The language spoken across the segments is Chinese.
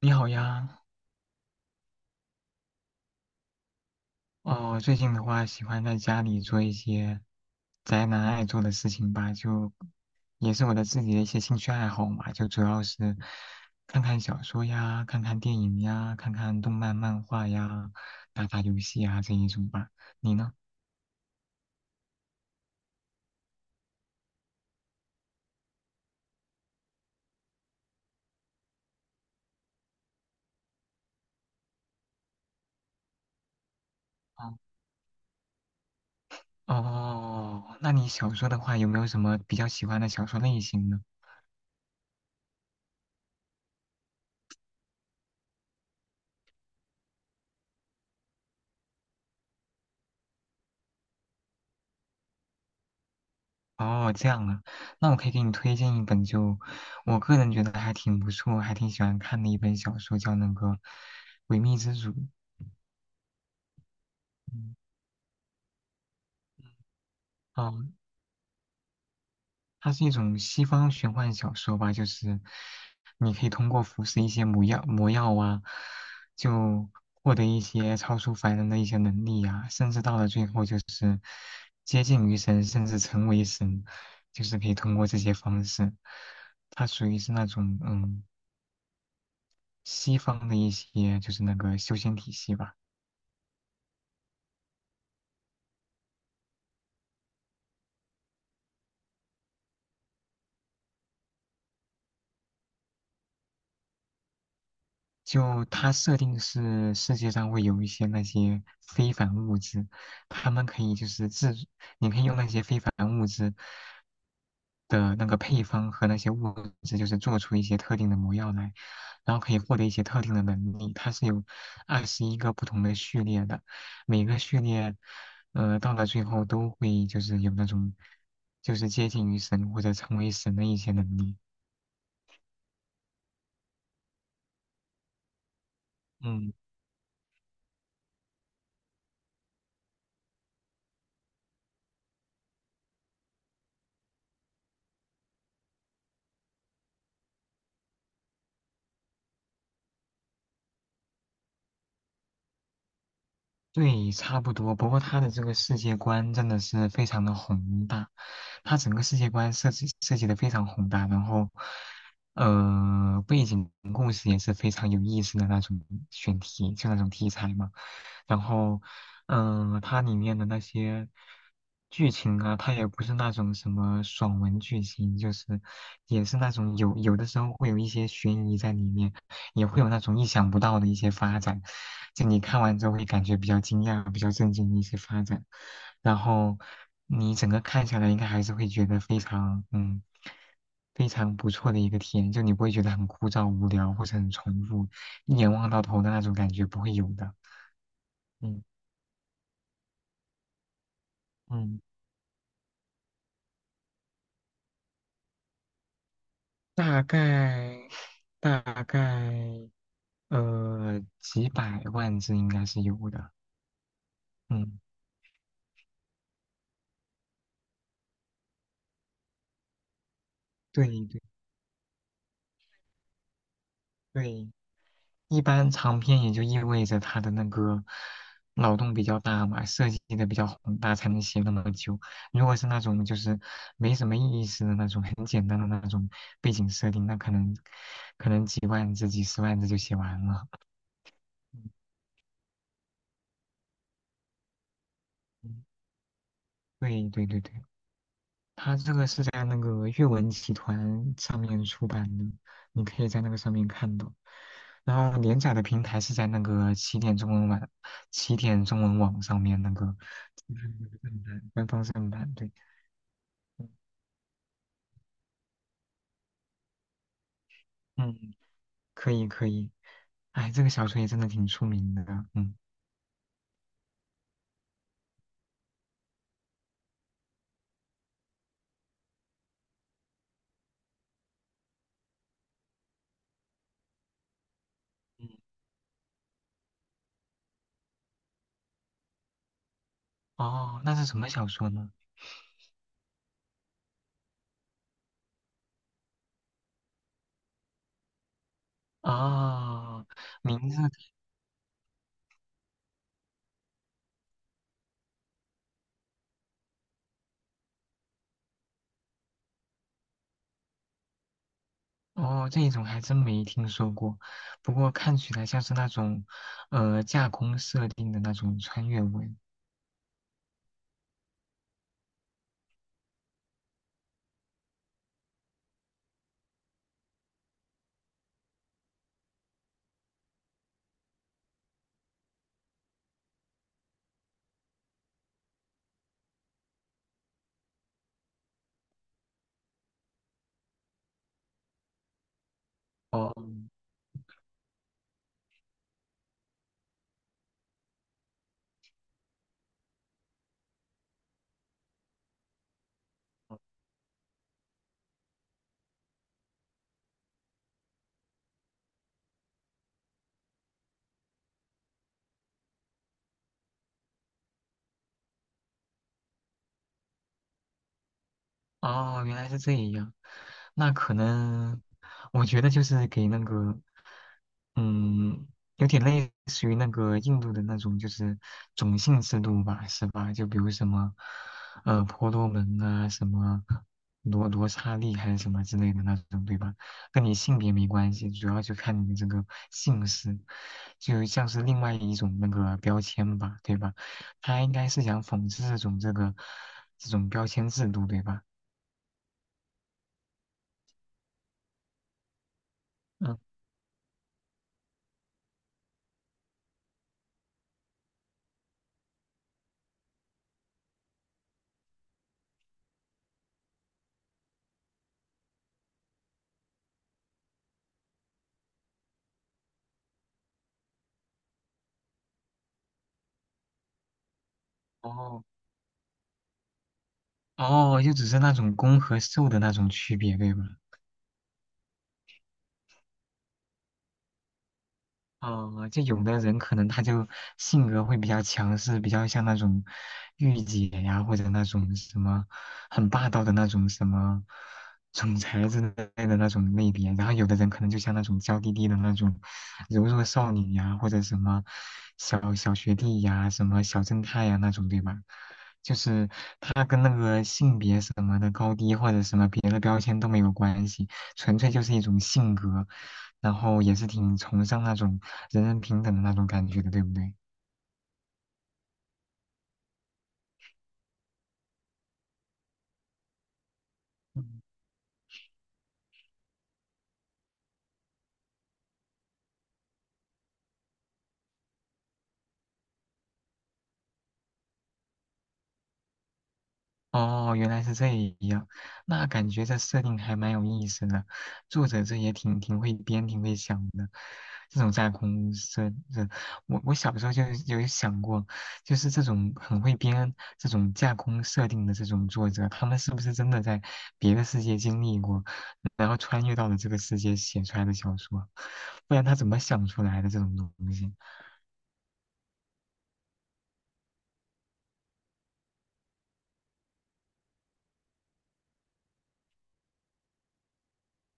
你好呀。哦，最近的话喜欢在家里做一些宅男爱做的事情吧，就也是我的自己的一些兴趣爱好嘛，就主要是看看小说呀，看看电影呀，看看动漫漫画呀，打打游戏呀这一种吧。你呢？哦。哦，那你小说的话有没有什么比较喜欢的小说类型呢？哦，这样啊，那我可以给你推荐一本，就我个人觉得还挺不错、还挺喜欢看的一本小说，叫那个《诡秘之主》。嗯。哦，它是一种西方玄幻小说吧，就是你可以通过服食一些魔药、魔药啊，就获得一些超出凡人的一些能力啊，甚至到了最后就是接近于神，甚至成为神，就是可以通过这些方式。它属于是那种。嗯。西方的一些就是那个修仙体系吧。就它设定是世界上会有一些那些非凡物质，他们可以就是制，你可以用那些非凡物质的那个配方和那些物质，就是做出一些特定的魔药来，然后可以获得一些特定的能力。它是有21个不同的序列的，每个序列，到了最后都会就是有那种，就是接近于神或者成为神的一些能力。嗯。对，差不多。不过他的这个世界观真的是非常的宏大，他整个世界观设计的非常宏大，然后，背景故事也是非常有意思的那种选题，就那种题材嘛。然后，它里面的那些剧情啊，它也不是那种什么爽文剧情，就是也是那种有的时候会有一些悬疑在里面，也会有那种意想不到的一些发展，就你看完之后会感觉比较惊讶、比较震惊的一些发展，然后你整个看下来应该还是会觉得非常非常不错的一个体验，就你不会觉得很枯燥、无聊或者很重复，一眼望到头的那种感觉不会有的。嗯。嗯，大概大概几百万字应该是有的。嗯，对对对。一般长篇也就意味着他的那个脑洞比较大嘛，设计的比较宏大，才能写那么久。如果是那种就是没什么意思的那种，很简单的那种背景设定，那可能几万字、几十万字就写完了。嗯，对对对对。它这个是在那个阅文集团上面出版的，你可以在那个上面看到。然后连载的平台是在那个起点中文网上面那个正官方正版，对。嗯，可以可以。哎，这个小说也真的挺出名的。嗯。嗯，哦，那是什么小说呢？哦，名字哦，这一种还真没听说过，不过看起来像是那种，架空设定的那种穿越文。哦。哦，原来是这样，那可能，我觉得就是给那个，嗯，有点类似于那个印度的那种，就是种姓制度吧，是吧？就比如什么，婆罗门啊，什么罗刹利还是什么之类的那种，对吧？跟你性别没关系，主要就看你的这个姓氏，就像是另外一种那个标签吧，对吧？他应该是想讽刺这种这个这种标签制度，对吧？嗯。哦哦，就只是那种公和受的那种区别，对吧？哦，就有的人可能他就性格会比较强势，比较像那种御姐呀，或者那种什么很霸道的那种什么总裁之类的那种类别。然后有的人可能就像那种娇滴滴的那种柔弱少女呀，或者什么小学弟呀，什么小正太呀那种，对吧？就是他跟那个性别什么的高低或者什么别的标签都没有关系，纯粹就是一种性格。然后也是挺崇尚那种人人平等的那种感觉的，对不对？嗯。哦，原来是这样，那感觉这设定还蛮有意思的，作者这也挺会编、挺会想的。这种架空设，这我小时候就有想过，就是这种很会编这种架空设定的这种作者，他们是不是真的在别的世界经历过，然后穿越到了这个世界写出来的小说？不然他怎么想出来的这种东西？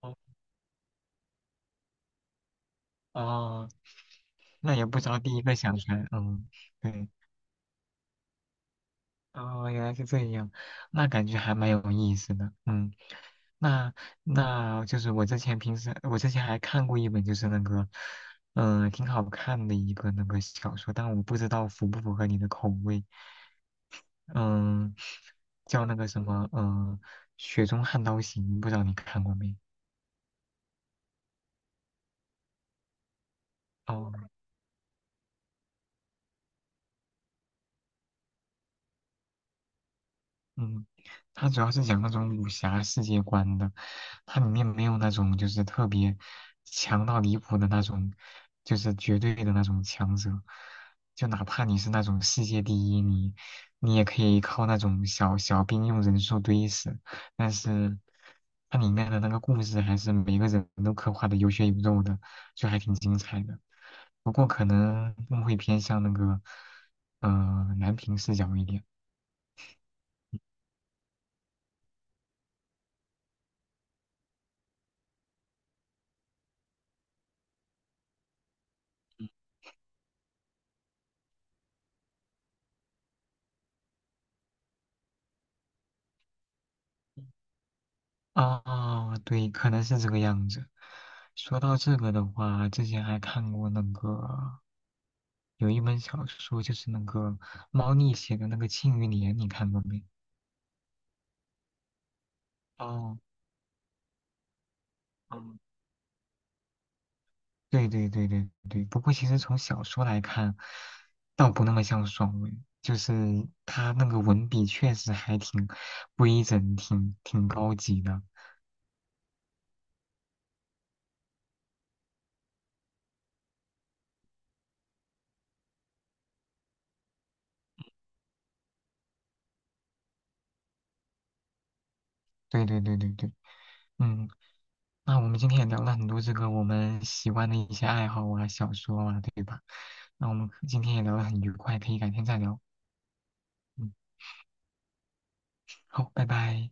哦。哦，那也不知道第一个想出来，嗯，对。哦，原来是这样，那感觉还蛮有意思的，嗯，那就是我之前还看过一本就是那个，挺好看的一个那个小说，但我不知道符不符合你的口味。嗯，叫那个什么，雪中悍刀行》，不知道你看过没？哦。嗯，它主要是讲那种武侠世界观的，它里面没有那种就是特别强到离谱的那种，就是绝对的那种强者，就哪怕你是那种世界第一，你也可以靠那种小兵用人数堆死，但是它里面的那个故事还是每个人都刻画的有血有肉的，就还挺精彩的。不过可能更会偏向那个，呃，男频视角一点。啊，对，可能是这个样子。说到这个的话，之前还看过那个有一本小说，就是那个猫腻写的那个《庆余年》，你看过没？哦。嗯，对对对对对。不过其实从小说来看，倒不那么像爽文，就是他那个文笔确实还挺规整、挺高级的。对对对对对。嗯，那我们今天也聊了很多这个我们喜欢的一些爱好啊、小说啊，对吧？那我们可今天也聊得很愉快，可以改天再聊。嗯，好，拜拜。